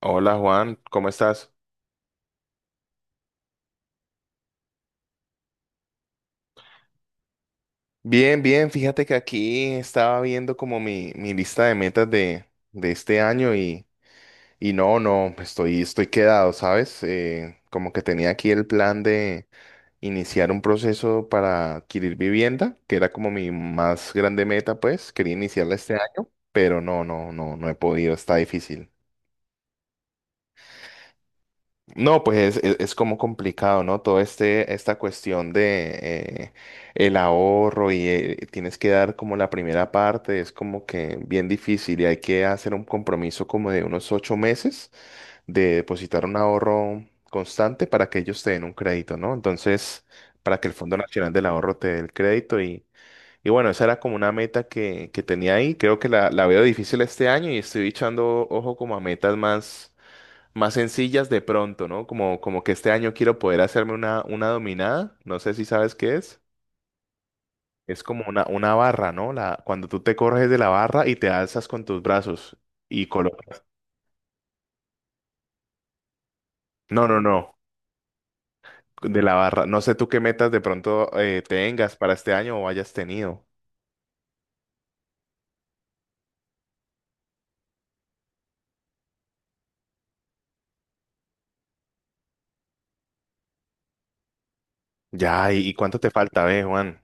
Hola Juan, ¿cómo estás? Bien, bien, fíjate que aquí estaba viendo como mi lista de metas de este año y no, no, estoy quedado, ¿sabes? Como que tenía aquí el plan de iniciar un proceso para adquirir vivienda, que era como mi más grande meta, pues, quería iniciarla este año, pero no, no, no, no he podido, está difícil. No, pues es como complicado, ¿no? Todo este, esta cuestión de el ahorro y tienes que dar como la primera parte, es como que bien difícil y hay que hacer un compromiso como de unos 8 meses de depositar un ahorro constante para que ellos te den un crédito, ¿no? Entonces, para que el Fondo Nacional del Ahorro te dé el crédito y bueno, esa era como una meta que tenía ahí. Creo que la veo difícil este año y estoy echando ojo como a metas más sencillas de pronto, ¿no? Como que este año quiero poder hacerme una dominada, no sé si sabes qué es. Es como una barra, ¿no? La, cuando tú te corres de la barra y te alzas con tus brazos y colocas. No, no, no, de la barra. No sé tú qué metas de pronto tengas para este año o hayas tenido. Ya, ¿y cuánto te falta, ve, Juan?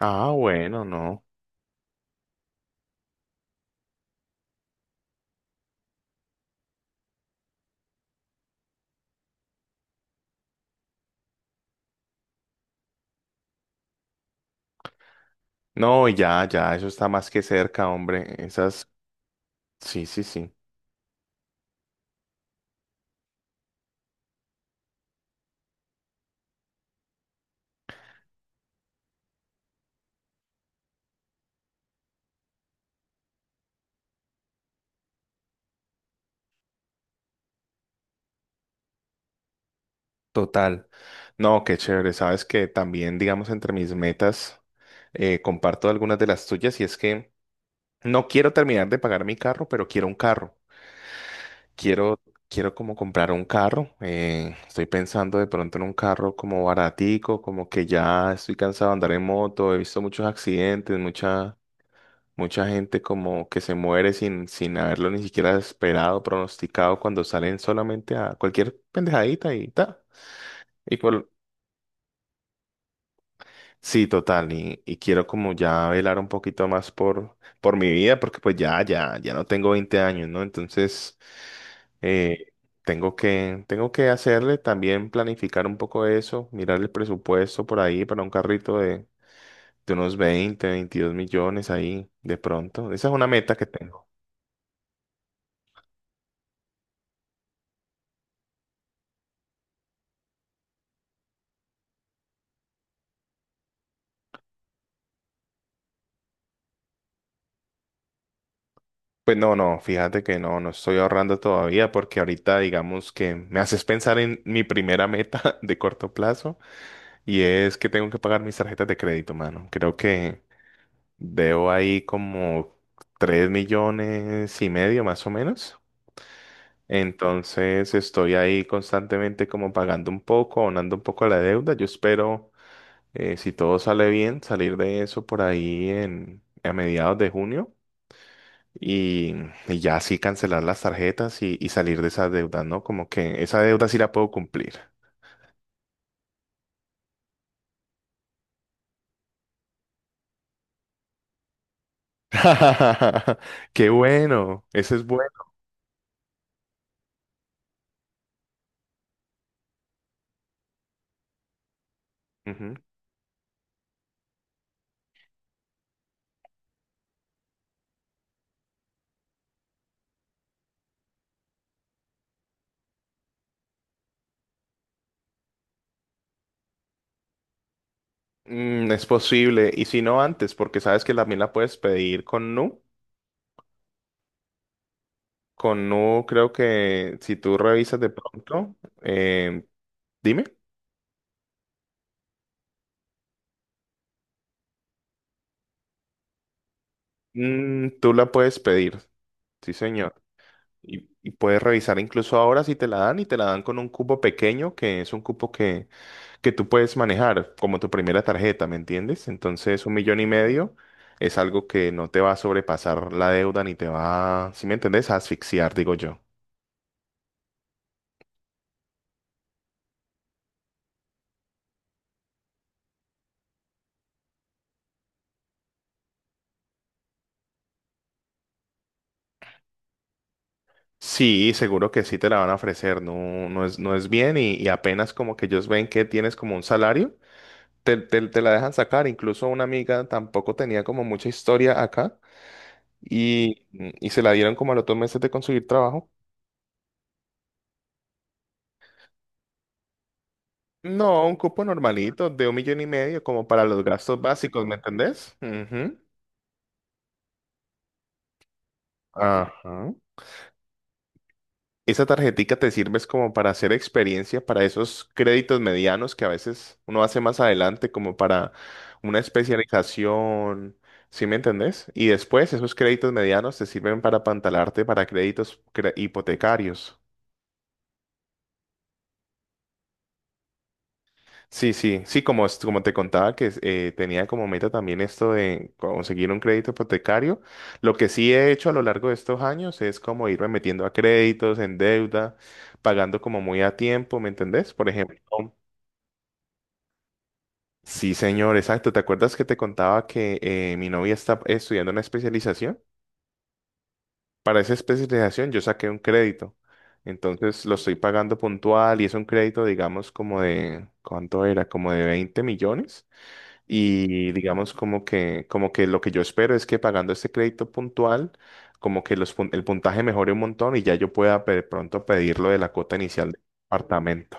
Ah, bueno, no. No, ya, ya, eso está más que cerca, hombre. Esas, sí, sí, sí. Total. No, qué chévere. Sabes que también, digamos, entre mis metas, comparto algunas de las tuyas y es que no quiero terminar de pagar mi carro, pero quiero un carro. Quiero, quiero como comprar un carro. Estoy pensando de pronto en un carro como baratico, como que ya estoy cansado de andar en moto. He visto muchos accidentes, mucha, mucha gente como que se muere sin haberlo ni siquiera esperado, pronosticado, cuando salen solamente a cualquier pendejadita y ta y por Sí, total, y quiero como ya velar un poquito más por mi vida, porque pues ya, ya, ya no tengo 20 años, ¿no? Entonces, eh, tengo que hacerle también planificar un poco eso, mirar el presupuesto por ahí para un carrito de unos 20, 22 millones ahí de pronto. Esa es una meta que tengo. Pues no, no, fíjate que no, no estoy ahorrando todavía porque ahorita digamos que me haces pensar en mi primera meta de corto plazo. Y es que tengo que pagar mis tarjetas de crédito, mano. Creo que debo ahí como 3,5 millones más o menos. Entonces estoy ahí constantemente como pagando un poco, abonando un poco a la deuda. Yo espero, si todo sale bien, salir de eso por ahí a mediados de junio y, y ya así cancelar las tarjetas y salir de esa deuda, ¿no? Como que esa deuda sí la puedo cumplir. Qué bueno, ese es bueno. Mm, es posible, y si no antes, porque sabes que también la puedes pedir con Nu. Con Nu creo que si tú revisas de pronto, eh, dime. Mm, tú la puedes pedir, sí señor. Y puedes revisar incluso ahora si te la dan y te la dan con un cupo pequeño, que es un cupo que tú puedes manejar como tu primera tarjeta, ¿me entiendes? Entonces 1,5 millones es algo que no te va a sobrepasar la deuda ni te va, si me entiendes, a asfixiar, digo yo. Sí, seguro que sí te la van a ofrecer, no, no es bien y apenas como que ellos ven que tienes como un salario, te la dejan sacar. Incluso una amiga tampoco tenía como mucha historia acá y se la dieron como a los 2 meses de conseguir trabajo. No, un cupo normalito de 1,5 millones como para los gastos básicos, ¿me entendés? Ujú. Ajá. Esa tarjetica te sirve es como para hacer experiencia, para esos créditos medianos que a veces uno hace más adelante, como para una especialización, ¿sí me entendés? Y después esos créditos medianos te sirven para apantalarte para créditos hipotecarios. Sí, sí, sí, como te contaba que tenía como meta también esto de conseguir un crédito hipotecario. Lo que sí he hecho a lo largo de estos años es como irme metiendo a créditos, en deuda, pagando como muy a tiempo, ¿me entendés? Por ejemplo. Sí, señor, exacto. ¿Te acuerdas que te contaba que mi novia está estudiando una especialización? Para esa especialización yo saqué un crédito. Entonces lo estoy pagando puntual y es un crédito, digamos, como de, ¿cuánto era? Como de 20 millones. Y digamos como que lo que yo espero es que pagando este crédito puntual, como que el puntaje mejore un montón y ya yo pueda de pronto pedir lo de la cuota inicial del apartamento.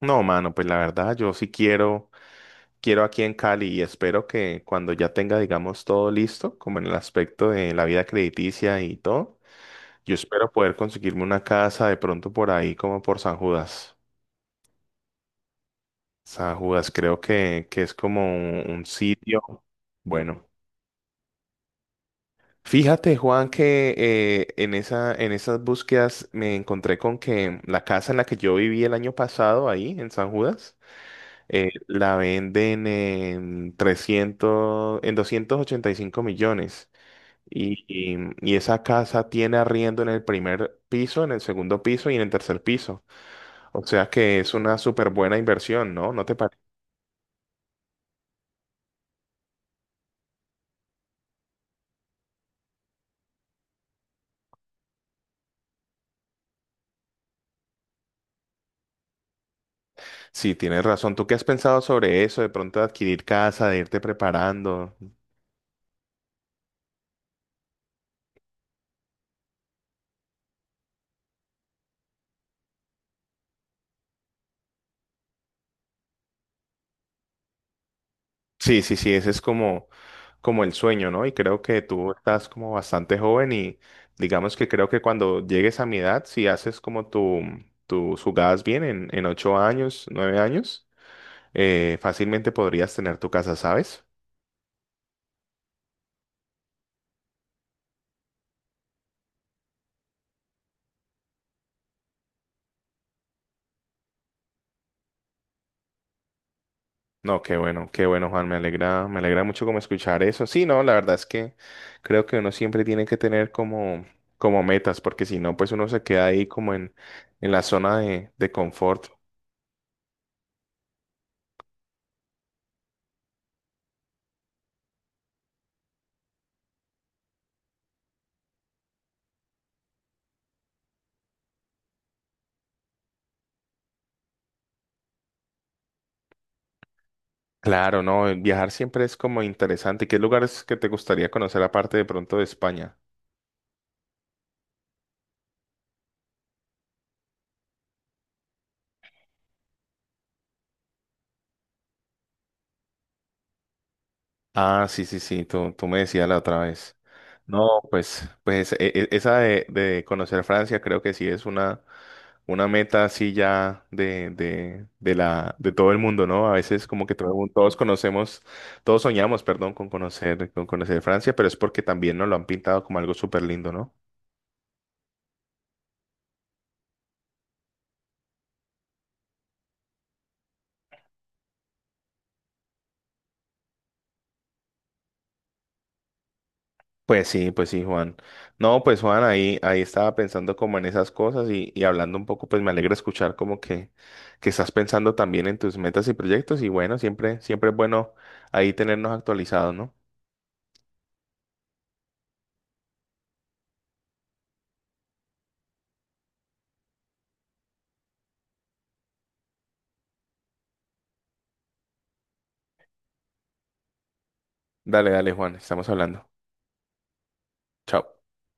No, mano, pues la verdad yo sí quiero aquí en Cali y espero que cuando ya tenga, digamos, todo listo, como en el aspecto de la vida crediticia y todo, yo espero poder conseguirme una casa de pronto por ahí, como por San Judas. San Judas, creo que es como un sitio. Bueno, fíjate, Juan, que en esa, en esas búsquedas me encontré con que la casa en la que yo viví el año pasado ahí en San Judas, la venden en 300 en 285 millones. Y esa casa tiene arriendo en el primer piso, en el segundo piso y en el tercer piso. O sea que es una súper buena inversión, ¿no? ¿No te parece? Sí, tienes razón. ¿Tú qué has pensado sobre eso? De pronto adquirir casa, de irte preparando. Sí, sí, sí, ese es como el sueño, ¿no? Y creo que tú estás como bastante joven y digamos que creo que cuando llegues a mi edad, si haces como tu, tus jugadas bien en 8 años, 9 años, fácilmente podrías tener tu casa, ¿sabes? No, qué bueno, Juan, me alegra mucho como escuchar eso. Sí, no, la verdad es que creo que uno siempre tiene que tener como metas, porque si no, pues uno se queda ahí como en la zona de confort. Claro, no, el viajar siempre es como interesante. ¿Qué lugares que te gustaría conocer aparte de pronto de España? Ah, sí, sí, sí, tú me decías la otra vez. No, pues, esa de conocer Francia creo que sí es una meta así ya de todo el mundo, ¿no? A veces como que todos conocemos, todos soñamos, perdón, con conocer Francia, pero es porque también nos lo han pintado como algo súper lindo, ¿no? Pues sí, Juan. No, pues Juan, ahí estaba pensando como en esas cosas y hablando un poco, pues me alegra escuchar como que estás pensando también en tus metas y proyectos y bueno, siempre, siempre es bueno ahí tenernos actualizados, ¿no? Dale, dale, Juan, estamos hablando. Chao.